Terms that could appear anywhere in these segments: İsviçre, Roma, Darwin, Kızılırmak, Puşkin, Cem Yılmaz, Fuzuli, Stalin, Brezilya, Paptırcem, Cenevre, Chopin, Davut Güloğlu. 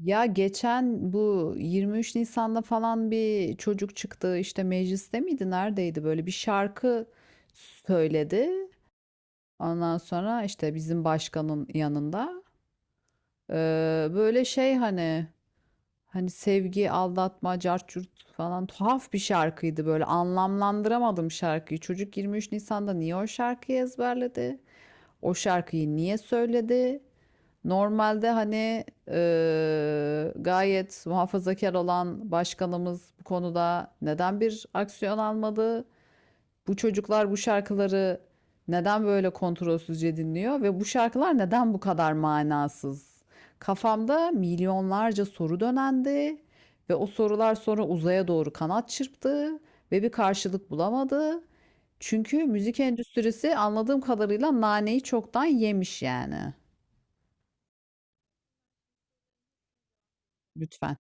Ya geçen bu 23 Nisan'da falan bir çocuk çıktı işte mecliste miydi neredeydi böyle bir şarkı söyledi. Ondan sonra işte bizim başkanın yanında böyle şey hani sevgi aldatma cart curt falan tuhaf bir şarkıydı böyle anlamlandıramadım şarkıyı. Çocuk 23 Nisan'da niye o şarkıyı ezberledi? O şarkıyı niye söyledi? Normalde hani gayet muhafazakar olan başkanımız bu konuda neden bir aksiyon almadı? Bu çocuklar bu şarkıları neden böyle kontrolsüzce dinliyor ve bu şarkılar neden bu kadar manasız? Kafamda milyonlarca soru dönendi ve o sorular sonra uzaya doğru kanat çırptı ve bir karşılık bulamadı. Çünkü müzik endüstrisi anladığım kadarıyla naneyi çoktan yemiş yani. Lütfen.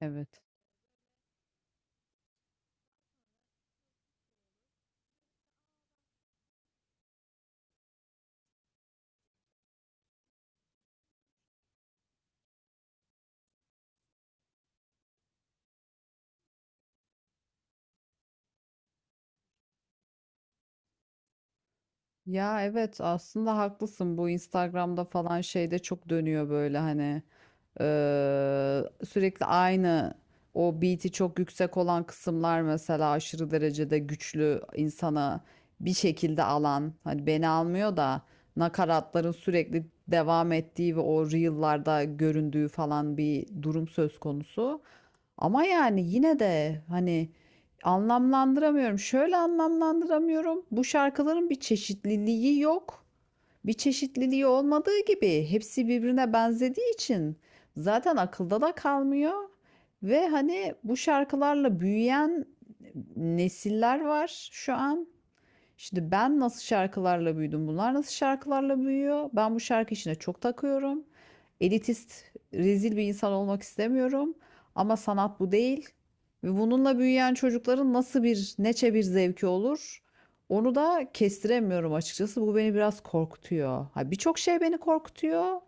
Evet. Ya evet aslında haklısın, bu Instagram'da falan şeyde çok dönüyor böyle hani sürekli aynı o beat'i çok yüksek olan kısımlar mesela aşırı derecede güçlü insana bir şekilde alan, hani beni almıyor da nakaratların sürekli devam ettiği ve o reel'larda göründüğü falan bir durum söz konusu. Ama yani yine de hani anlamlandıramıyorum. Şöyle anlamlandıramıyorum. Bu şarkıların bir çeşitliliği yok. Bir çeşitliliği olmadığı gibi hepsi birbirine benzediği için zaten akılda da kalmıyor. Ve hani bu şarkılarla büyüyen nesiller var şu an. Şimdi ben nasıl şarkılarla büyüdüm? Bunlar nasıl şarkılarla büyüyor? Ben bu şarkı işine çok takıyorum. Elitist, rezil bir insan olmak istemiyorum. Ama sanat bu değil. Ve bununla büyüyen çocukların nasıl bir, neçe bir zevki olur? Onu da kestiremiyorum açıkçası. Bu beni biraz korkutuyor. Ha, birçok şey beni korkutuyor.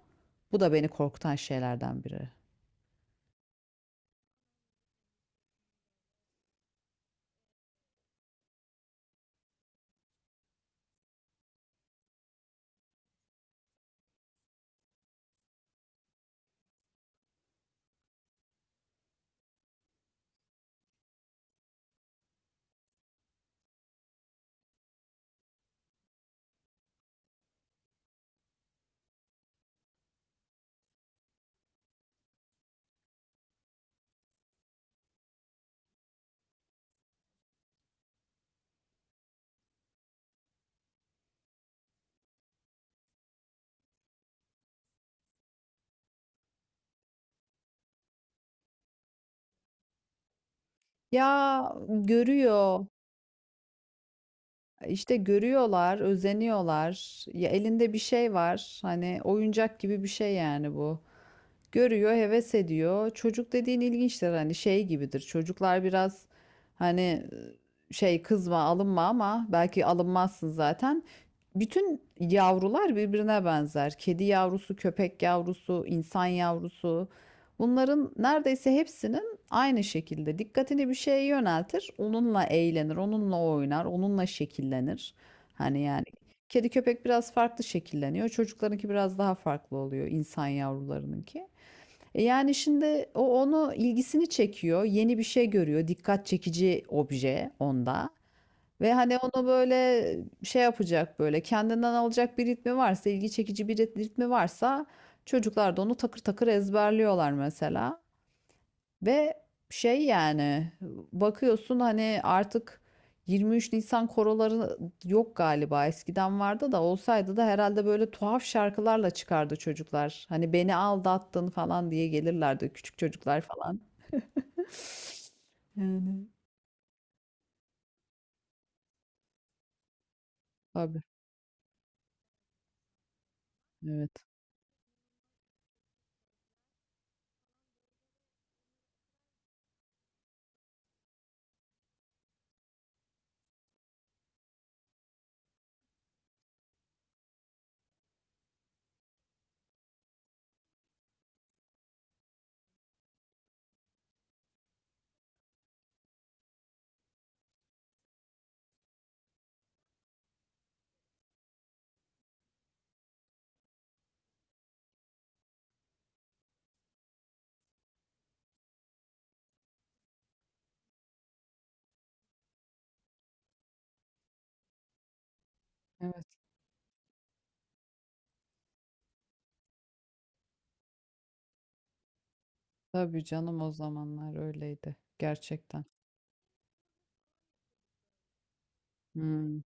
Bu da beni korkutan şeylerden biri. Ya görüyor. İşte görüyorlar, özeniyorlar. Ya elinde bir şey var. Hani oyuncak gibi bir şey yani bu. Görüyor, heves ediyor. Çocuk dediğin ilginçtir, hani şey gibidir. Çocuklar biraz hani şey, kızma, alınma ama belki alınmazsın zaten. Bütün yavrular birbirine benzer. Kedi yavrusu, köpek yavrusu, insan yavrusu. Bunların neredeyse hepsinin aynı şekilde dikkatini bir şeye yöneltir. Onunla eğlenir, onunla oynar, onunla şekillenir. Hani yani kedi köpek biraz farklı şekilleniyor. Çocuklarınki biraz daha farklı oluyor, insan yavrularınınki. Yani şimdi o onu ilgisini çekiyor, yeni bir şey görüyor, dikkat çekici obje onda ve hani onu böyle şey yapacak, böyle kendinden alacak bir ritmi varsa, ilgi çekici bir ritmi varsa çocuklar da onu takır takır ezberliyorlar mesela. Ve şey yani bakıyorsun hani artık 23 Nisan koroları yok galiba. Eskiden vardı da, olsaydı da herhalde böyle tuhaf şarkılarla çıkardı çocuklar. Hani beni aldattın falan diye gelirlerdi küçük çocuklar falan. Yani tabii, evet. Evet, tabii canım, o zamanlar öyleydi gerçekten. Hmm.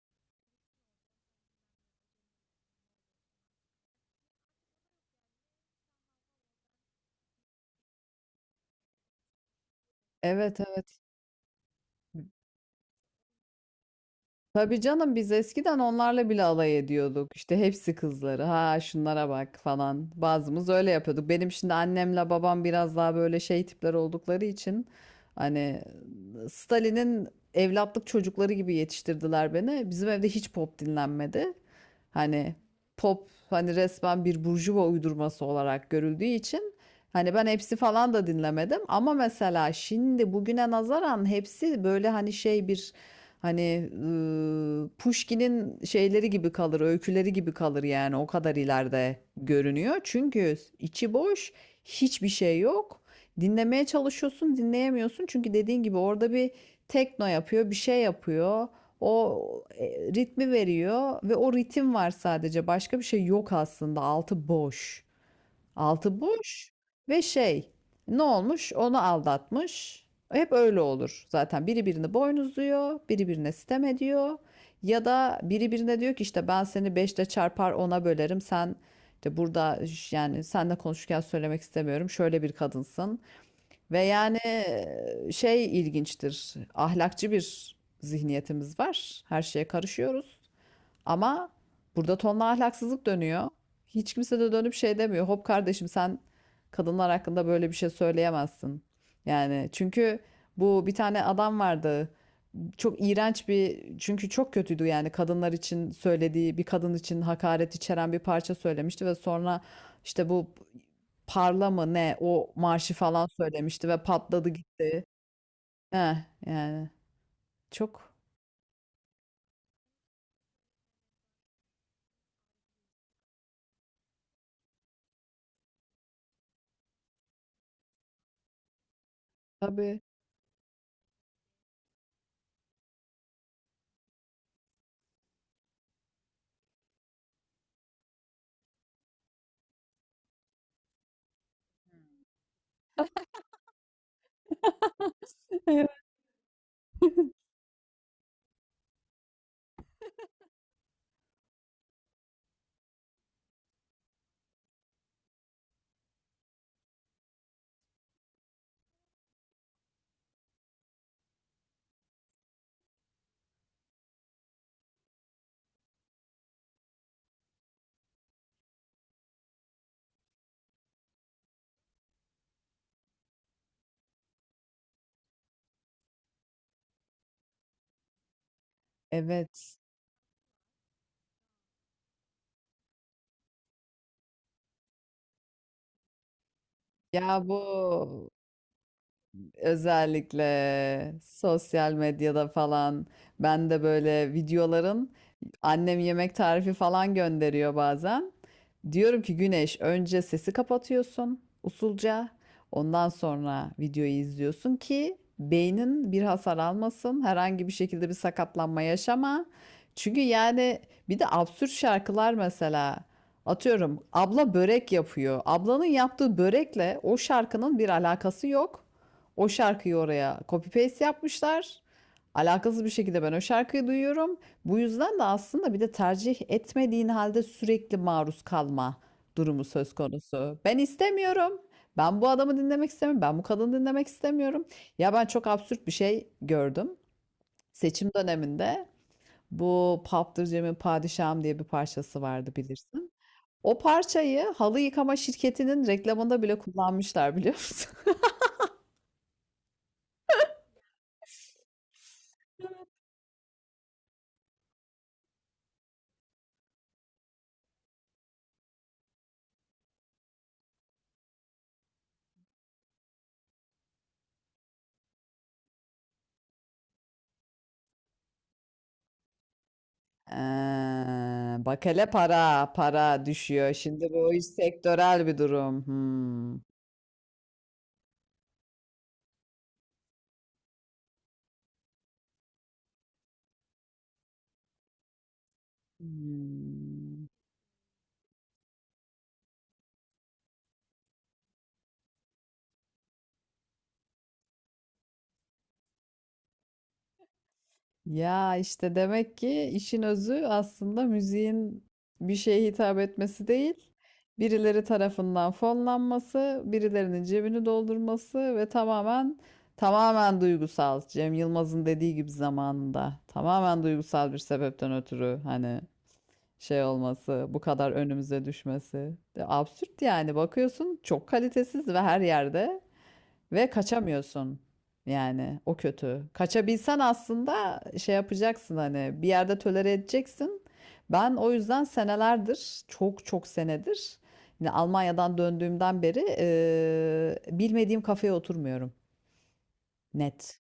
Evet, evet. Tabii canım, biz eskiden onlarla bile alay ediyorduk. İşte hepsi kızları. Ha, şunlara bak falan. Bazımız öyle yapıyorduk. Benim şimdi annemle babam biraz daha böyle şey tipler oldukları için hani Stalin'in evlatlık çocukları gibi yetiştirdiler beni. Bizim evde hiç pop dinlenmedi. Hani pop hani resmen bir burjuva uydurması olarak görüldüğü için hani ben hepsi falan da dinlemedim ama mesela şimdi bugüne nazaran hepsi böyle hani şey bir, hani Puşkin'in şeyleri gibi kalır, öyküleri gibi kalır yani, o kadar ileride görünüyor. Çünkü içi boş, hiçbir şey yok. Dinlemeye çalışıyorsun, dinleyemiyorsun. Çünkü dediğin gibi orada bir tekno yapıyor, bir şey yapıyor. O e, ritmi veriyor ve o ritim var sadece. Başka bir şey yok aslında. Altı boş. Altı boş ve şey, ne olmuş, onu aldatmış. Hep öyle olur zaten, biri birini boynuzluyor, biri birine sitem ediyor ya da biri birine diyor ki işte ben seni beşle çarpar ona bölerim, sen işte burada, yani seninle konuşurken söylemek istemiyorum, şöyle bir kadınsın ve yani şey, ilginçtir, ahlakçı bir zihniyetimiz var, her şeye karışıyoruz. Ama burada tonla ahlaksızlık dönüyor. Hiç kimse de dönüp şey demiyor. Hop kardeşim, sen kadınlar hakkında böyle bir şey söyleyemezsin. Yani çünkü bu bir tane adam vardı. Çok iğrenç bir, çünkü çok kötüydü yani, kadınlar için söylediği, bir kadın için hakaret içeren bir parça söylemişti ve sonra işte bu parla mı ne o marşı falan söylemişti ve patladı gitti. Heh, yani çok tabii. Evet. Ya bu, özellikle sosyal medyada falan ben de böyle videoların, annem yemek tarifi falan gönderiyor bazen. Diyorum ki Güneş, önce sesi kapatıyorsun usulca. Ondan sonra videoyu izliyorsun ki beynin bir hasar almasın. Herhangi bir şekilde bir sakatlanma yaşama. Çünkü yani bir de absürt şarkılar mesela. Atıyorum, abla börek yapıyor. Ablanın yaptığı börekle o şarkının bir alakası yok. O şarkıyı oraya copy paste yapmışlar. Alakasız bir şekilde ben o şarkıyı duyuyorum. Bu yüzden de aslında bir de tercih etmediğin halde sürekli maruz kalma durumu söz konusu. Ben istemiyorum. Ben bu adamı dinlemek istemiyorum. Ben bu kadını dinlemek istemiyorum. Ya, ben çok absürt bir şey gördüm. Seçim döneminde bu Paptırcem'in Padişahım diye bir parçası vardı, bilirsin. O parçayı halı yıkama şirketinin reklamında bile kullanmışlar, biliyor musun? Eee, bak hele, para, para düşüyor. Şimdi bu iş sektörel bir durum. Hmm. Hmm. Ya işte demek ki işin özü aslında müziğin bir şeye hitap etmesi değil, birileri tarafından fonlanması, birilerinin cebini doldurması ve tamamen tamamen duygusal. Cem Yılmaz'ın dediği gibi zamanında tamamen duygusal bir sebepten ötürü hani şey olması, bu kadar önümüze düşmesi. De absürt yani, bakıyorsun çok kalitesiz ve her yerde ve kaçamıyorsun. Yani o kötü. Kaçabilsen aslında şey yapacaksın, hani bir yerde tolere edeceksin. Ben o yüzden senelerdir, çok çok senedir, yine Almanya'dan döndüğümden beri bilmediğim kafeye oturmuyorum. Net.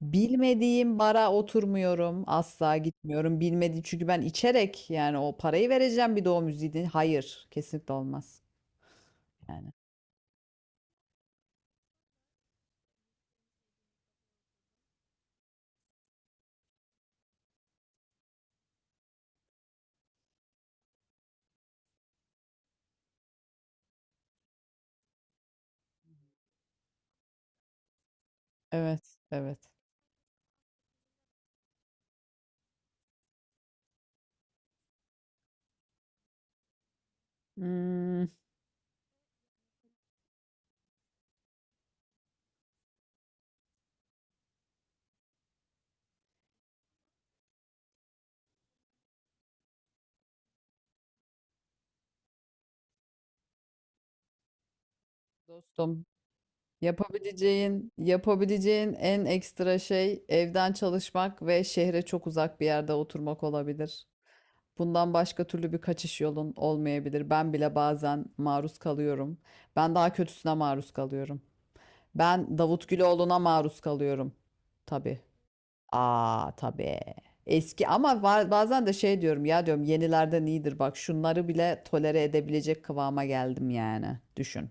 Bilmediğim bara oturmuyorum, asla gitmiyorum. Bilmediğim, çünkü ben içerek yani o parayı vereceğim bir doğum müziği Hayır, kesinlikle olmaz. Yani evet, evet. Hmm, dostum, yapabileceğin en ekstra şey evden çalışmak ve şehre çok uzak bir yerde oturmak olabilir. Bundan başka türlü bir kaçış yolun olmayabilir. Ben bile bazen maruz kalıyorum. Ben daha kötüsüne maruz kalıyorum. Ben Davut Güloğlu'na maruz kalıyorum. Tabii. Aa, tabii. Eski ama bazen de şey diyorum ya, diyorum yenilerden iyidir, bak şunları bile tolere edebilecek kıvama geldim yani. Düşün.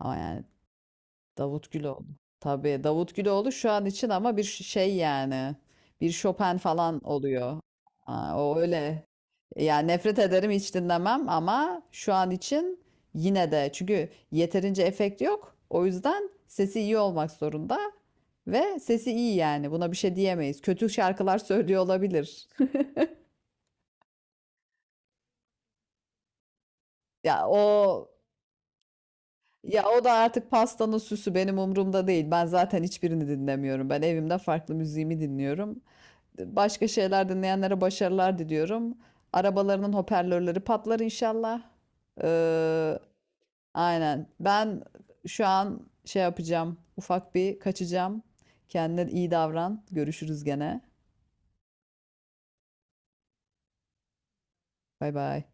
Ama yani Davut Güloğlu. Tabii Davut Güloğlu şu an için, ama bir şey yani. Bir Chopin falan oluyor. Aa, o öyle. Yani nefret ederim, hiç dinlemem ama şu an için yine de, çünkü yeterince efekt yok. O yüzden sesi iyi olmak zorunda ve sesi iyi yani. Buna bir şey diyemeyiz. Kötü şarkılar söylüyor olabilir. Ya o ya o da artık, pastanın süsü benim umurumda değil. Ben zaten hiçbirini dinlemiyorum. Ben evimde farklı müziğimi dinliyorum. Başka şeyler dinleyenlere başarılar diliyorum. Arabalarının hoparlörleri patlar inşallah. Ee, aynen. Ben şu an şey yapacağım. Ufak bir kaçacağım. Kendine iyi davran. Görüşürüz gene. Bay bay.